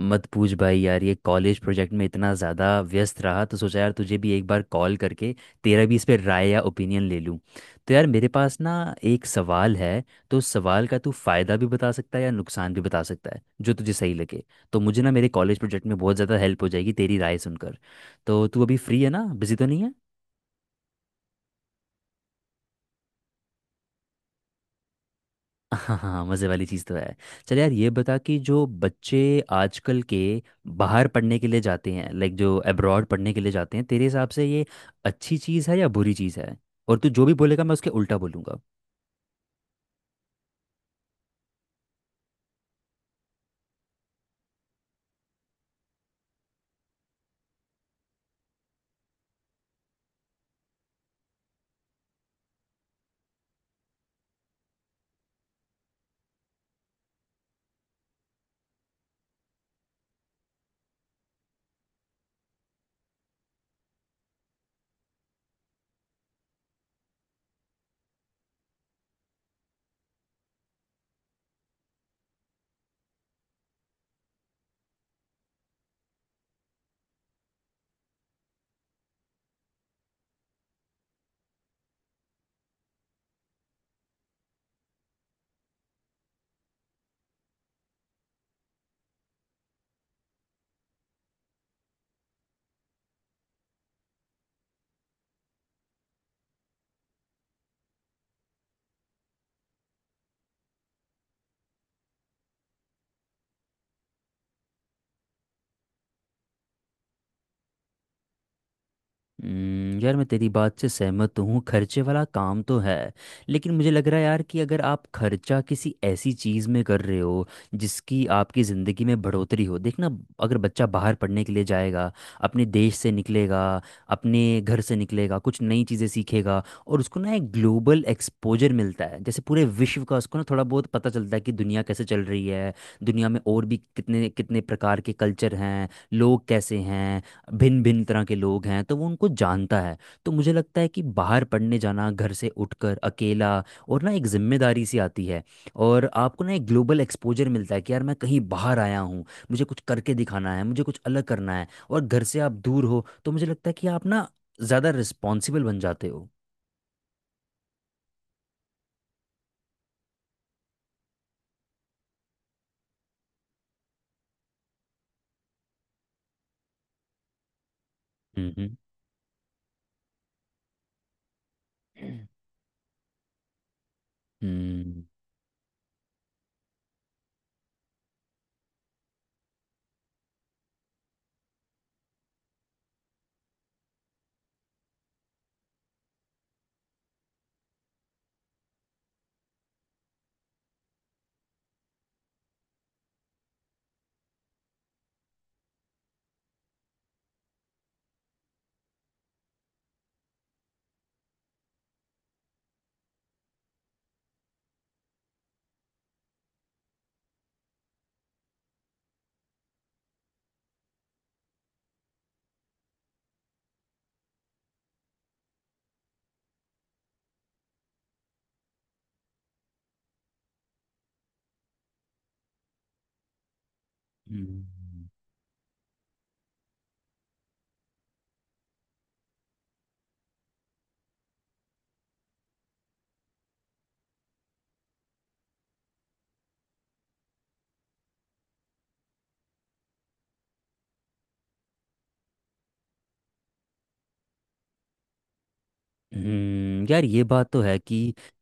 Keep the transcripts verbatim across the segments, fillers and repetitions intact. मत पूछ भाई यार, ये कॉलेज प्रोजेक्ट में इतना ज़्यादा व्यस्त रहा तो सोचा यार तुझे भी एक बार कॉल करके तेरा भी इस पे राय या ओपिनियन ले लूँ। तो यार मेरे पास ना एक सवाल है। तो उस सवाल का तू फ़ायदा भी बता सकता है या नुकसान भी बता सकता है जो तुझे सही लगे। तो मुझे ना मेरे कॉलेज प्रोजेक्ट में बहुत ज़्यादा हेल्प हो जाएगी तेरी राय सुनकर। तो तू अभी फ्री है ना, बिजी तो नहीं है? हाँ हाँ, मज़े वाली चीज़ तो है। चल यार, ये बता कि जो बच्चे आजकल के बाहर पढ़ने के लिए जाते हैं, लाइक जो अब्रॉड पढ़ने के लिए जाते हैं, तेरे हिसाब से ये अच्छी चीज़ है या बुरी चीज़ है? और तू जो भी बोलेगा मैं उसके उल्टा बोलूँगा। हम्म, यार मैं तेरी बात से सहमत तो हूँ, खर्चे वाला काम तो है। लेकिन मुझे लग रहा है यार कि अगर आप खर्चा किसी ऐसी चीज़ में कर रहे हो जिसकी आपकी ज़िंदगी में बढ़ोतरी हो, देखना। अगर बच्चा बाहर पढ़ने के लिए जाएगा, अपने देश से निकलेगा, अपने घर से निकलेगा, कुछ नई चीज़ें सीखेगा और उसको ना एक ग्लोबल एक्सपोजर मिलता है, जैसे पूरे विश्व का उसको ना थोड़ा बहुत पता चलता है कि दुनिया कैसे चल रही है। दुनिया में और भी कितने कितने प्रकार के कल्चर हैं, लोग कैसे हैं, भिन्न भिन्न तरह के लोग हैं, तो वो उनको जानता है। तो मुझे लगता है कि बाहर पढ़ने जाना, घर से उठकर अकेला, और ना एक जिम्मेदारी सी आती है। और आपको ना एक ग्लोबल एक्सपोजर मिलता है कि यार मैं कहीं बाहर आया हूँ, मुझे कुछ करके दिखाना है, मुझे कुछ अलग करना है, और घर से आप दूर हो तो मुझे लगता है कि आप ना ज़्यादा रिस्पॉन्सिबल बन जाते हो। हम्म। हम्म। हम्म। हम्म। हम्म यार ये बात तो है कि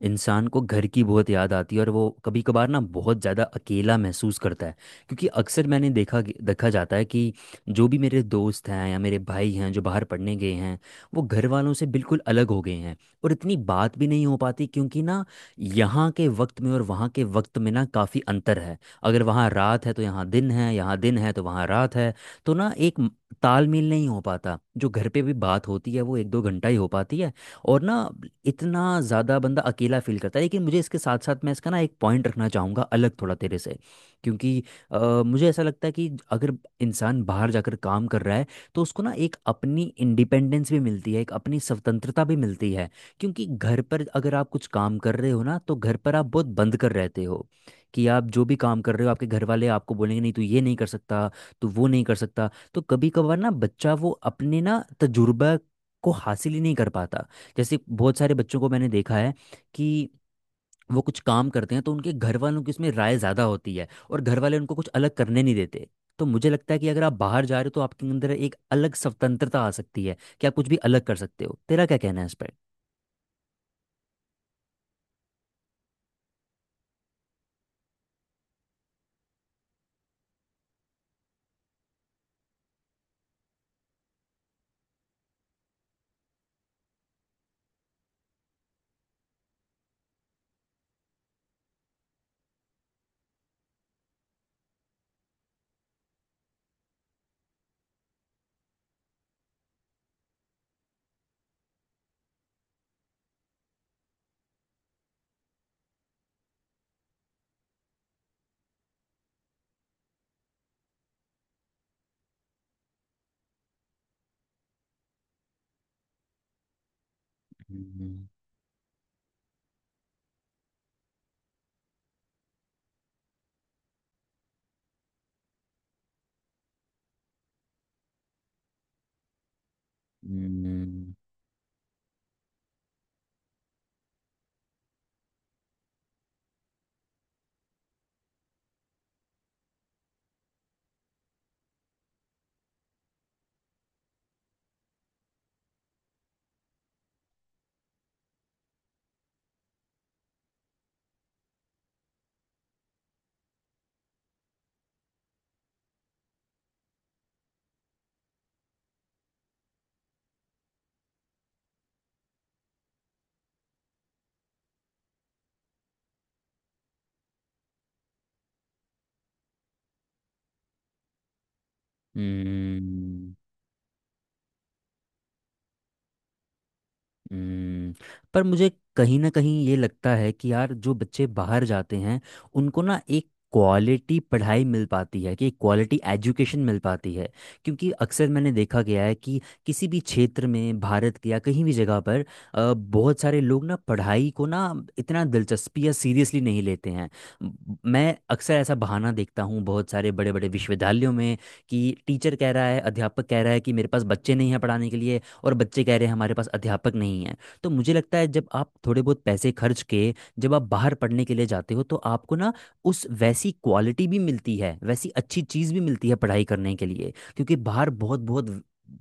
इंसान को घर की बहुत याद आती है और वो कभी कभार ना बहुत ज़्यादा अकेला महसूस करता है। क्योंकि अक्सर मैंने देखा देखा जाता है कि जो भी मेरे दोस्त हैं या मेरे भाई हैं जो बाहर पढ़ने गए हैं, वो घर वालों से बिल्कुल अलग हो गए हैं। और इतनी बात भी नहीं हो पाती क्योंकि ना यहाँ के वक्त में और वहाँ के वक्त में ना काफ़ी अंतर है। अगर वहाँ रात है तो यहाँ दिन है, यहाँ दिन है तो वहाँ रात है। तो ना एक तालमेल नहीं हो पाता, जो घर पे भी बात होती है वो एक दो घंटा ही हो पाती है। और ना इतना ज़्यादा बंदा अकेला फील करता है, लेकिन मुझे इसके साथ साथ मैं इसका ना एक पॉइंट रखना चाहूँगा अलग थोड़ा तेरे से। क्योंकि अ, मुझे ऐसा लगता है कि अगर इंसान बाहर जाकर काम कर रहा है तो उसको ना एक अपनी इंडिपेंडेंस भी मिलती है, एक अपनी स्वतंत्रता भी मिलती है। क्योंकि घर पर अगर आप कुछ काम कर रहे हो ना, तो घर पर आप बहुत बंद कर रहते हो कि आप जो भी काम कर रहे हो आपके घर वाले आपको बोलेंगे, नहीं तू ये नहीं कर सकता, तू वो नहीं कर सकता। तो कभी कभार ना बच्चा वो अपने ना तजुर्बा को हासिल ही नहीं कर पाता। जैसे बहुत सारे बच्चों को मैंने देखा है कि वो कुछ काम करते हैं तो उनके घर वालों की उसमें राय ज़्यादा होती है और घर वाले उनको कुछ अलग करने नहीं देते। तो मुझे लगता है कि अगर आप बाहर जा रहे हो तो आपके अंदर एक अलग स्वतंत्रता आ सकती है कि आप कुछ भी अलग कर सकते हो। तेरा क्या कहना है इस पर? हम्म। हम्म। हम्म। हम्म। पर मुझे कहीं ना कहीं ये लगता है कि यार जो बच्चे बाहर जाते हैं उनको ना एक क्वालिटी पढ़ाई मिल पाती है, कि क्वालिटी एजुकेशन मिल पाती है। क्योंकि अक्सर मैंने देखा गया है कि किसी भी क्षेत्र में भारत के या कहीं भी जगह पर अ, बहुत सारे लोग ना पढ़ाई को ना इतना दिलचस्पी या सीरियसली नहीं लेते हैं। म- मैं अक्सर ऐसा बहाना देखता हूँ बहुत सारे बड़े बड़े विश्वविद्यालयों में कि टीचर कह रहा है, अध्यापक कह रहा है कि मेरे पास बच्चे नहीं हैं पढ़ाने के लिए, और बच्चे कह रहे हैं हमारे पास अध्यापक नहीं है। तो मुझे लगता है जब आप थोड़े बहुत पैसे खर्च के, जब आप बाहर पढ़ने के लिए जाते हो तो आपको ना उस वैसी क्वालिटी भी मिलती है, वैसी अच्छी चीज़ भी मिलती है पढ़ाई करने के लिए, क्योंकि बाहर बहुत बहुत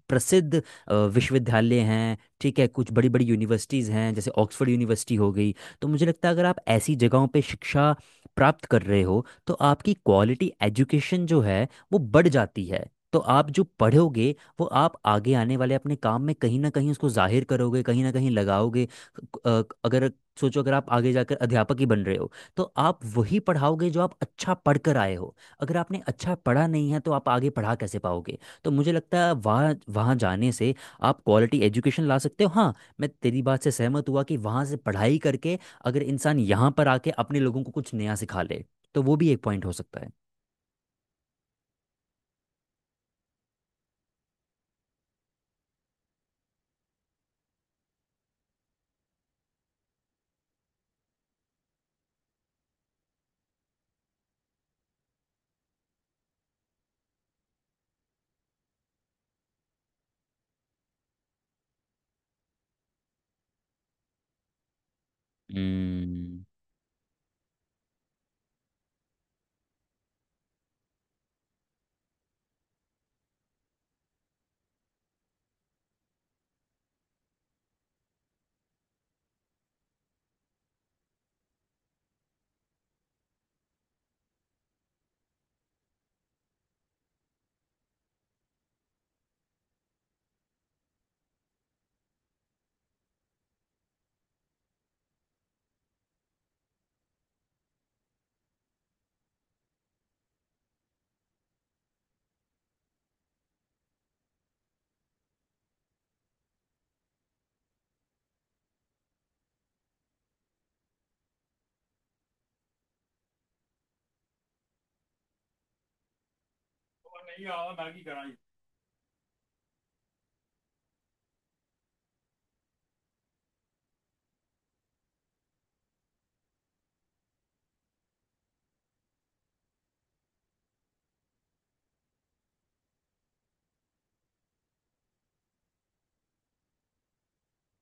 प्रसिद्ध अ, विश्वविद्यालय हैं। ठीक है, कुछ बड़ी बड़ी यूनिवर्सिटीज़ हैं जैसे ऑक्सफोर्ड यूनिवर्सिटी हो गई। तो मुझे लगता है अगर आप ऐसी जगहों पे शिक्षा प्राप्त कर रहे हो तो आपकी क्वालिटी एजुकेशन जो है वो बढ़ जाती है। तो आप जो पढ़ोगे वो आप आगे आने वाले अपने काम में कहीं ना कहीं उसको जाहिर करोगे, कहीं ना कहीं लगाओगे। अ, अगर सोचो अगर आप आगे जाकर अध्यापक ही बन रहे हो तो आप वही पढ़ाओगे जो आप अच्छा पढ़ कर आए हो। अगर आपने अच्छा पढ़ा नहीं है तो आप आगे पढ़ा कैसे पाओगे? तो मुझे लगता है वहाँ वहाँ जाने से आप क्वालिटी एजुकेशन ला सकते हो। हाँ, मैं तेरी बात से सहमत हुआ कि वहाँ से पढ़ाई करके अगर इंसान यहाँ पर आके अपने लोगों को कुछ नया सिखा ले, तो वो भी एक पॉइंट हो सकता है। हम्म।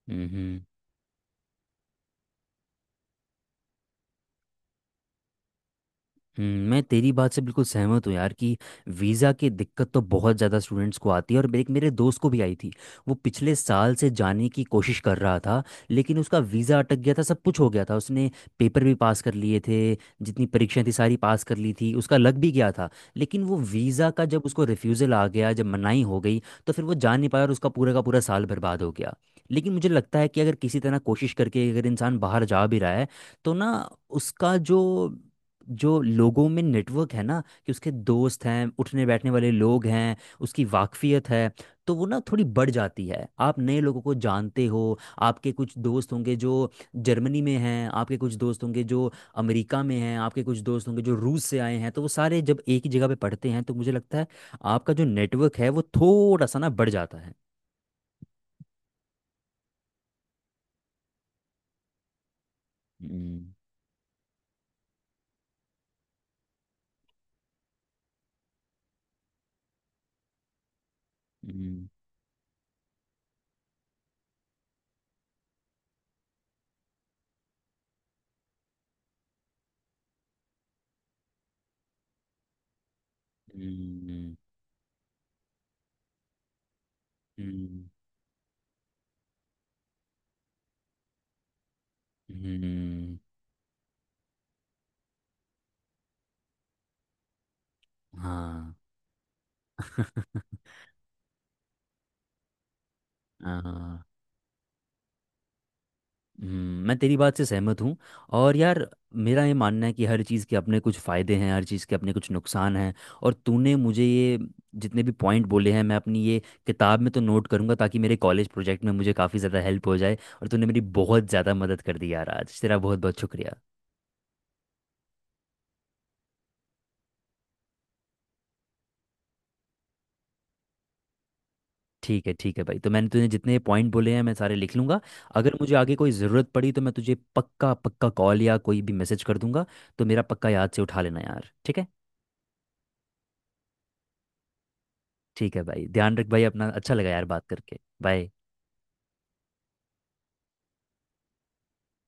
हम्म। हम्म, मैं तेरी बात से बिल्कुल सहमत हूँ यार कि वीज़ा की दिक्कत तो बहुत ज़्यादा स्टूडेंट्स को आती है, और एक मेरे दोस्त को भी आई थी। वो पिछले साल से जाने की कोशिश कर रहा था, लेकिन उसका वीज़ा अटक गया था, सब कुछ हो गया था उसने, पेपर भी पास कर लिए थे, जितनी परीक्षाएं थी सारी पास कर ली थी, उसका लग भी गया था। लेकिन वो वीज़ा का जब उसको रिफ्यूज़ल आ गया, जब मनाही हो गई, तो फिर वो जा नहीं पाया और उसका पूरा का पूरा साल बर्बाद हो गया। लेकिन मुझे लगता है कि अगर किसी तरह कोशिश करके अगर इंसान बाहर जा भी रहा है तो ना उसका जो जो लोगों में नेटवर्क है ना, कि उसके दोस्त हैं, उठने बैठने वाले लोग हैं, उसकी वाकफियत है, तो वो ना थोड़ी बढ़ जाती है। आप नए लोगों को जानते हो, आपके कुछ दोस्त होंगे जो जर्मनी में हैं, आपके कुछ दोस्त होंगे जो अमेरिका में हैं, आपके कुछ दोस्त होंगे जो रूस से आए हैं, तो वो सारे जब एक ही जगह पे पढ़ते हैं तो मुझे लगता है आपका जो नेटवर्क है वो थोड़ा सा ना बढ़ जाता है। हम्म। हम्म। हम्म। हम्म। हम्म। हाँ। हाँ। हम्म, मैं तेरी बात से सहमत हूँ। और यार मेरा ये मानना है कि हर चीज़ के अपने कुछ फ़ायदे हैं, हर चीज़ के अपने कुछ नुकसान हैं। और तूने मुझे ये जितने भी पॉइंट बोले हैं मैं अपनी ये किताब में तो नोट करूँगा, ताकि मेरे कॉलेज प्रोजेक्ट में मुझे काफ़ी ज़्यादा हेल्प हो जाए, और तूने मेरी बहुत ज़्यादा मदद कर दी यार, आज तेरा बहुत बहुत शुक्रिया। ठीक है ठीक है भाई, तो मैंने तूने जितने पॉइंट बोले हैं मैं सारे लिख लूँगा। अगर मुझे आगे कोई ज़रूरत पड़ी तो मैं तुझे पक्का पक्का कॉल या कोई भी मैसेज कर दूंगा। तो मेरा पक्का याद से उठा लेना यार, ठीक है? ठीक है भाई, ध्यान रख भाई अपना, अच्छा लगा यार बात करके। बाय।